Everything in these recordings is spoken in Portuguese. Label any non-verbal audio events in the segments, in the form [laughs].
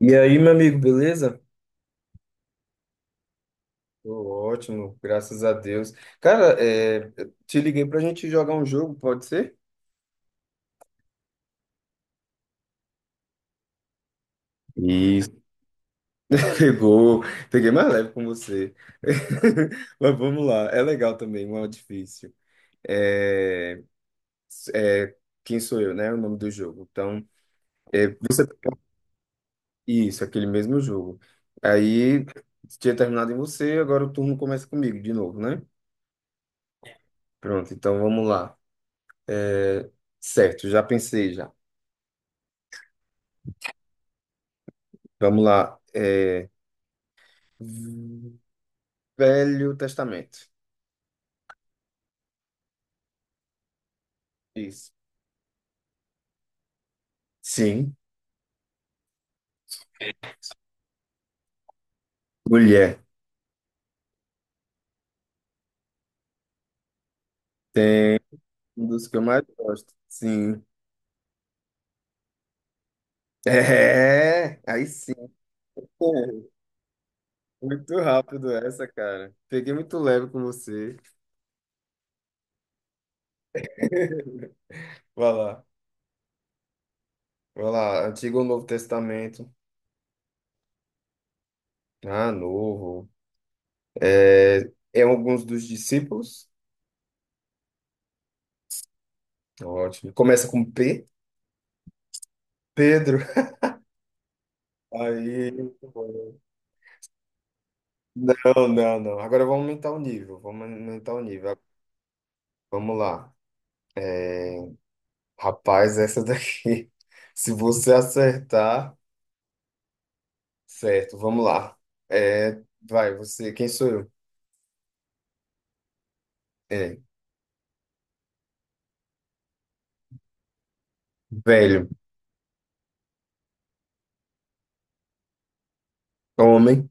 E aí, meu amigo, beleza? Tô ótimo, graças a Deus. Cara, eu te liguei pra gente jogar um jogo, pode ser? Isso. [laughs] Pegou, peguei mais leve com você. [laughs] Mas vamos lá, é legal também, não é difícil. É, é, quem sou eu, né? O nome do jogo. Então, isso, aquele mesmo jogo. Aí, tinha terminado em você, agora o turno começa comigo de novo, né? Pronto, então vamos lá. Certo, já pensei já. Vamos lá. Velho Testamento. Isso. Sim. Mulher. Tem um dos que eu mais gosto. Sim. [laughs] É, aí sim. Pô, muito rápido essa, cara. Peguei muito leve com você. Vai lá. Vai lá. Antigo ou Novo Testamento? Ah, novo. É, é alguns dos discípulos. Ótimo. Começa com P. Pedro. [laughs] Aí, muito bom. Não, não, não. Agora vamos aumentar o nível. Vamos aumentar o nível. Vamos lá. É, rapaz, essa daqui. [laughs] Se você acertar, certo, vamos lá. É, vai, você, quem sou eu? É, velho, homem,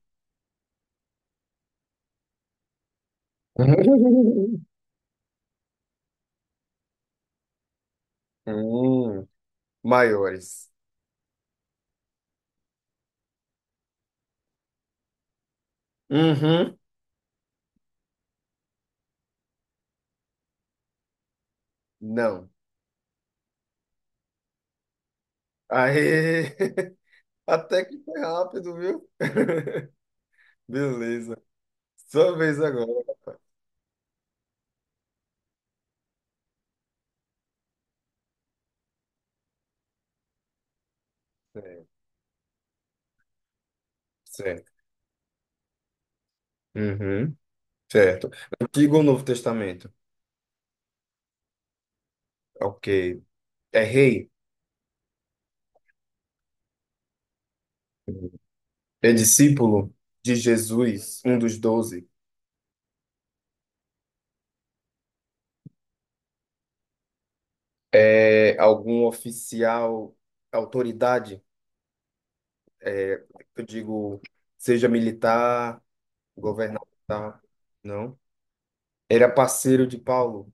[laughs] hum, maiores. Uhum, não. Aê! [laughs] Até que foi rápido, viu? [laughs] Beleza. Sua vez agora. Certo. Certo. Uhum, certo. Antigo ou Novo Testamento? Ok. É rei? É discípulo de Jesus, um dos doze, é algum oficial, autoridade, é, eu digo, seja militar, governamental, não? Era parceiro de Paulo,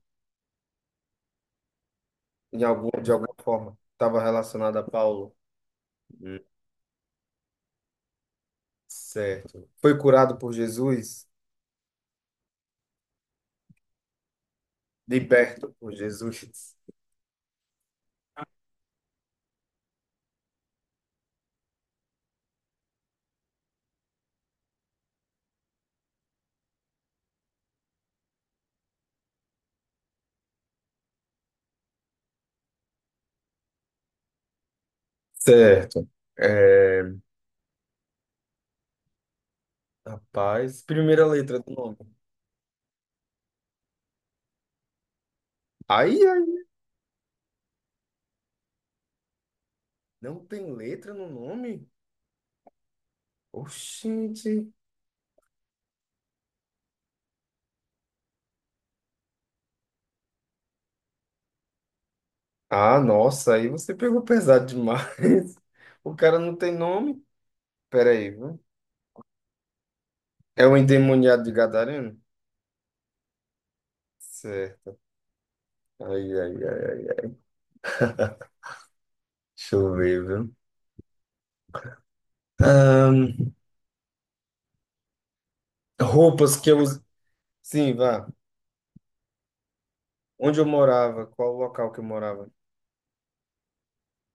em algum, de alguma forma, estava relacionado a Paulo. Hum, Certo. Foi curado por Jesus, liberto por Jesus. Certo. É, rapaz, primeira letra do nome. Aí, aí, não tem letra no nome? Oxente. Ah, nossa, aí você pegou pesado demais. [laughs] O cara não tem nome? Pera aí, viu? É o endemoniado de Gadareno? Certo. Ai, ai, ai, ai. Deixa eu ver, viu? Ahn, Roupas que eu uso. Sim, vá. Onde eu morava? Qual o local que eu morava?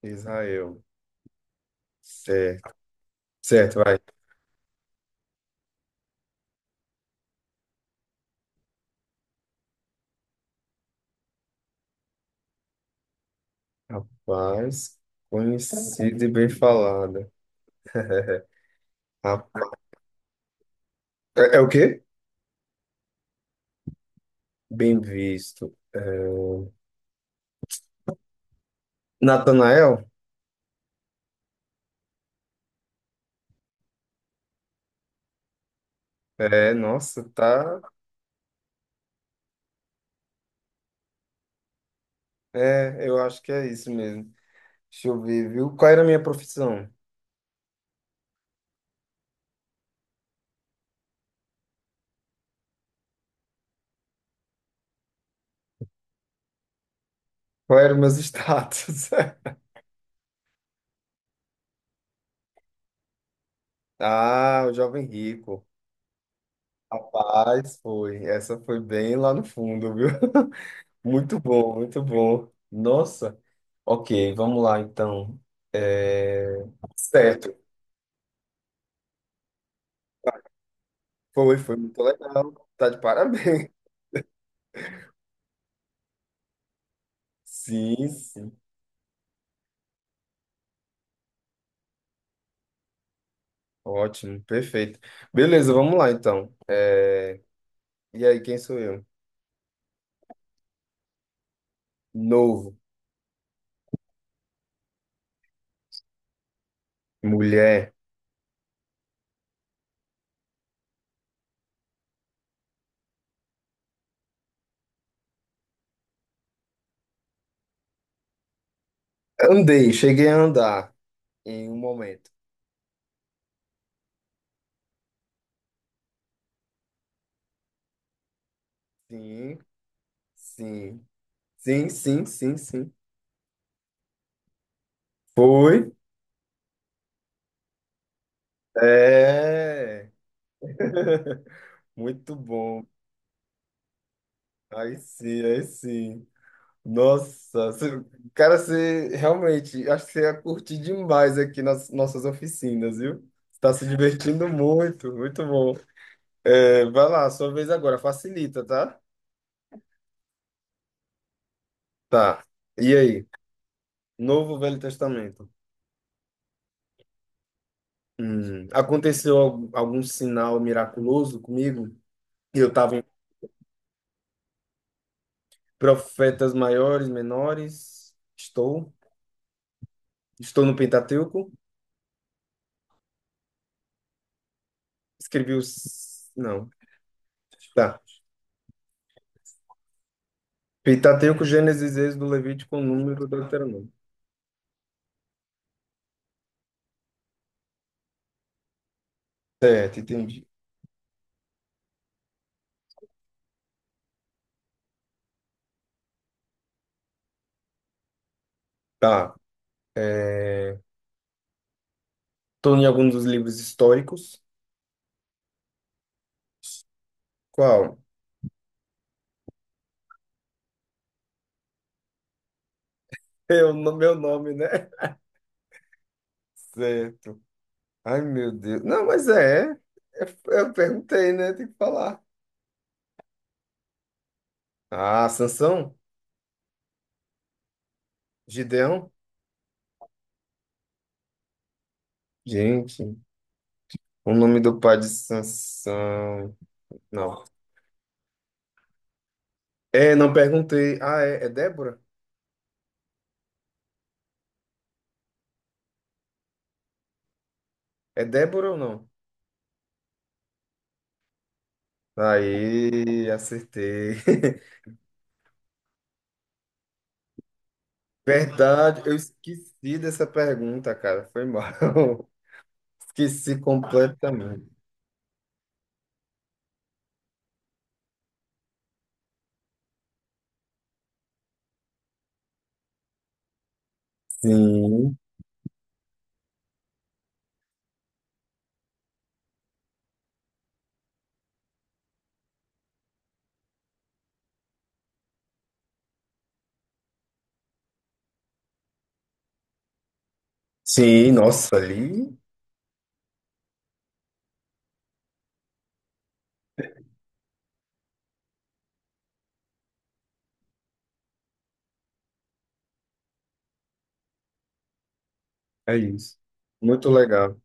Israel. Certo. Certo, vai. Rapaz, conhecida e bem falada. [laughs] Rapaz. É, é o quê? Bem visto. É, Natanael? É, nossa, tá. É, eu acho que é isso mesmo. Deixa eu ver, viu? Qual era a minha profissão? Qual era o meu status? [laughs] Ah, o jovem rico. Rapaz, foi. Essa foi bem lá no fundo, viu? [laughs] Muito bom, muito bom. Nossa. Ok, vamos lá então. É, certo. Foi, foi muito legal. Tá de parabéns. [laughs] Sim, sim. Ótimo, perfeito. Beleza, vamos lá então. É, e aí, quem sou eu? Novo. Mulher. Andei, cheguei a andar em um momento. Sim, sim, sim, sim, sim, sim. Foi. É. [laughs] Muito bom. Aí sim, aí sim. Nossa, você- cara, você realmente, acho que você ia curtir demais aqui nas nossas oficinas, viu? Está se divertindo muito, muito bom. É, vai lá, sua vez agora, facilita, tá? Tá. E aí? Novo ou Velho Testamento. Aconteceu al- algum sinal miraculoso comigo? Eu estava em Profetas Maiores, Menores. Estou. Estou no Pentateuco. Escrevi os. Não. Tá. Pentateuco, Gênesis, Êxodo, Levítico, Número, Deuteronômio. Certo, entendi. Tá. É... estou em algum dos livros históricos. Qual? Eu, no meu nome, né? Certo. Ai, meu Deus. Não, mas é. É- Eu perguntei, né? Tem que falar. Ah, Sansão? Gideão? Gente, o nome do pai de Sansão. Não. É, não perguntei. Ah, é, é Débora? É Débora ou não? Aí, acertei. [laughs] Verdade, eu esqueci dessa pergunta, cara. Foi mal. [laughs] Esqueci completamente. Sim. Sim, nossa, ali é isso. Muito legal.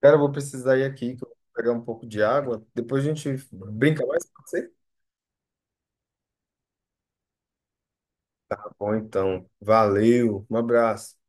Cara, eu vou precisar ir aqui, que eu vou pegar um pouco de água. Depois a gente brinca mais com você. Tá bom, então. Valeu. Um abraço.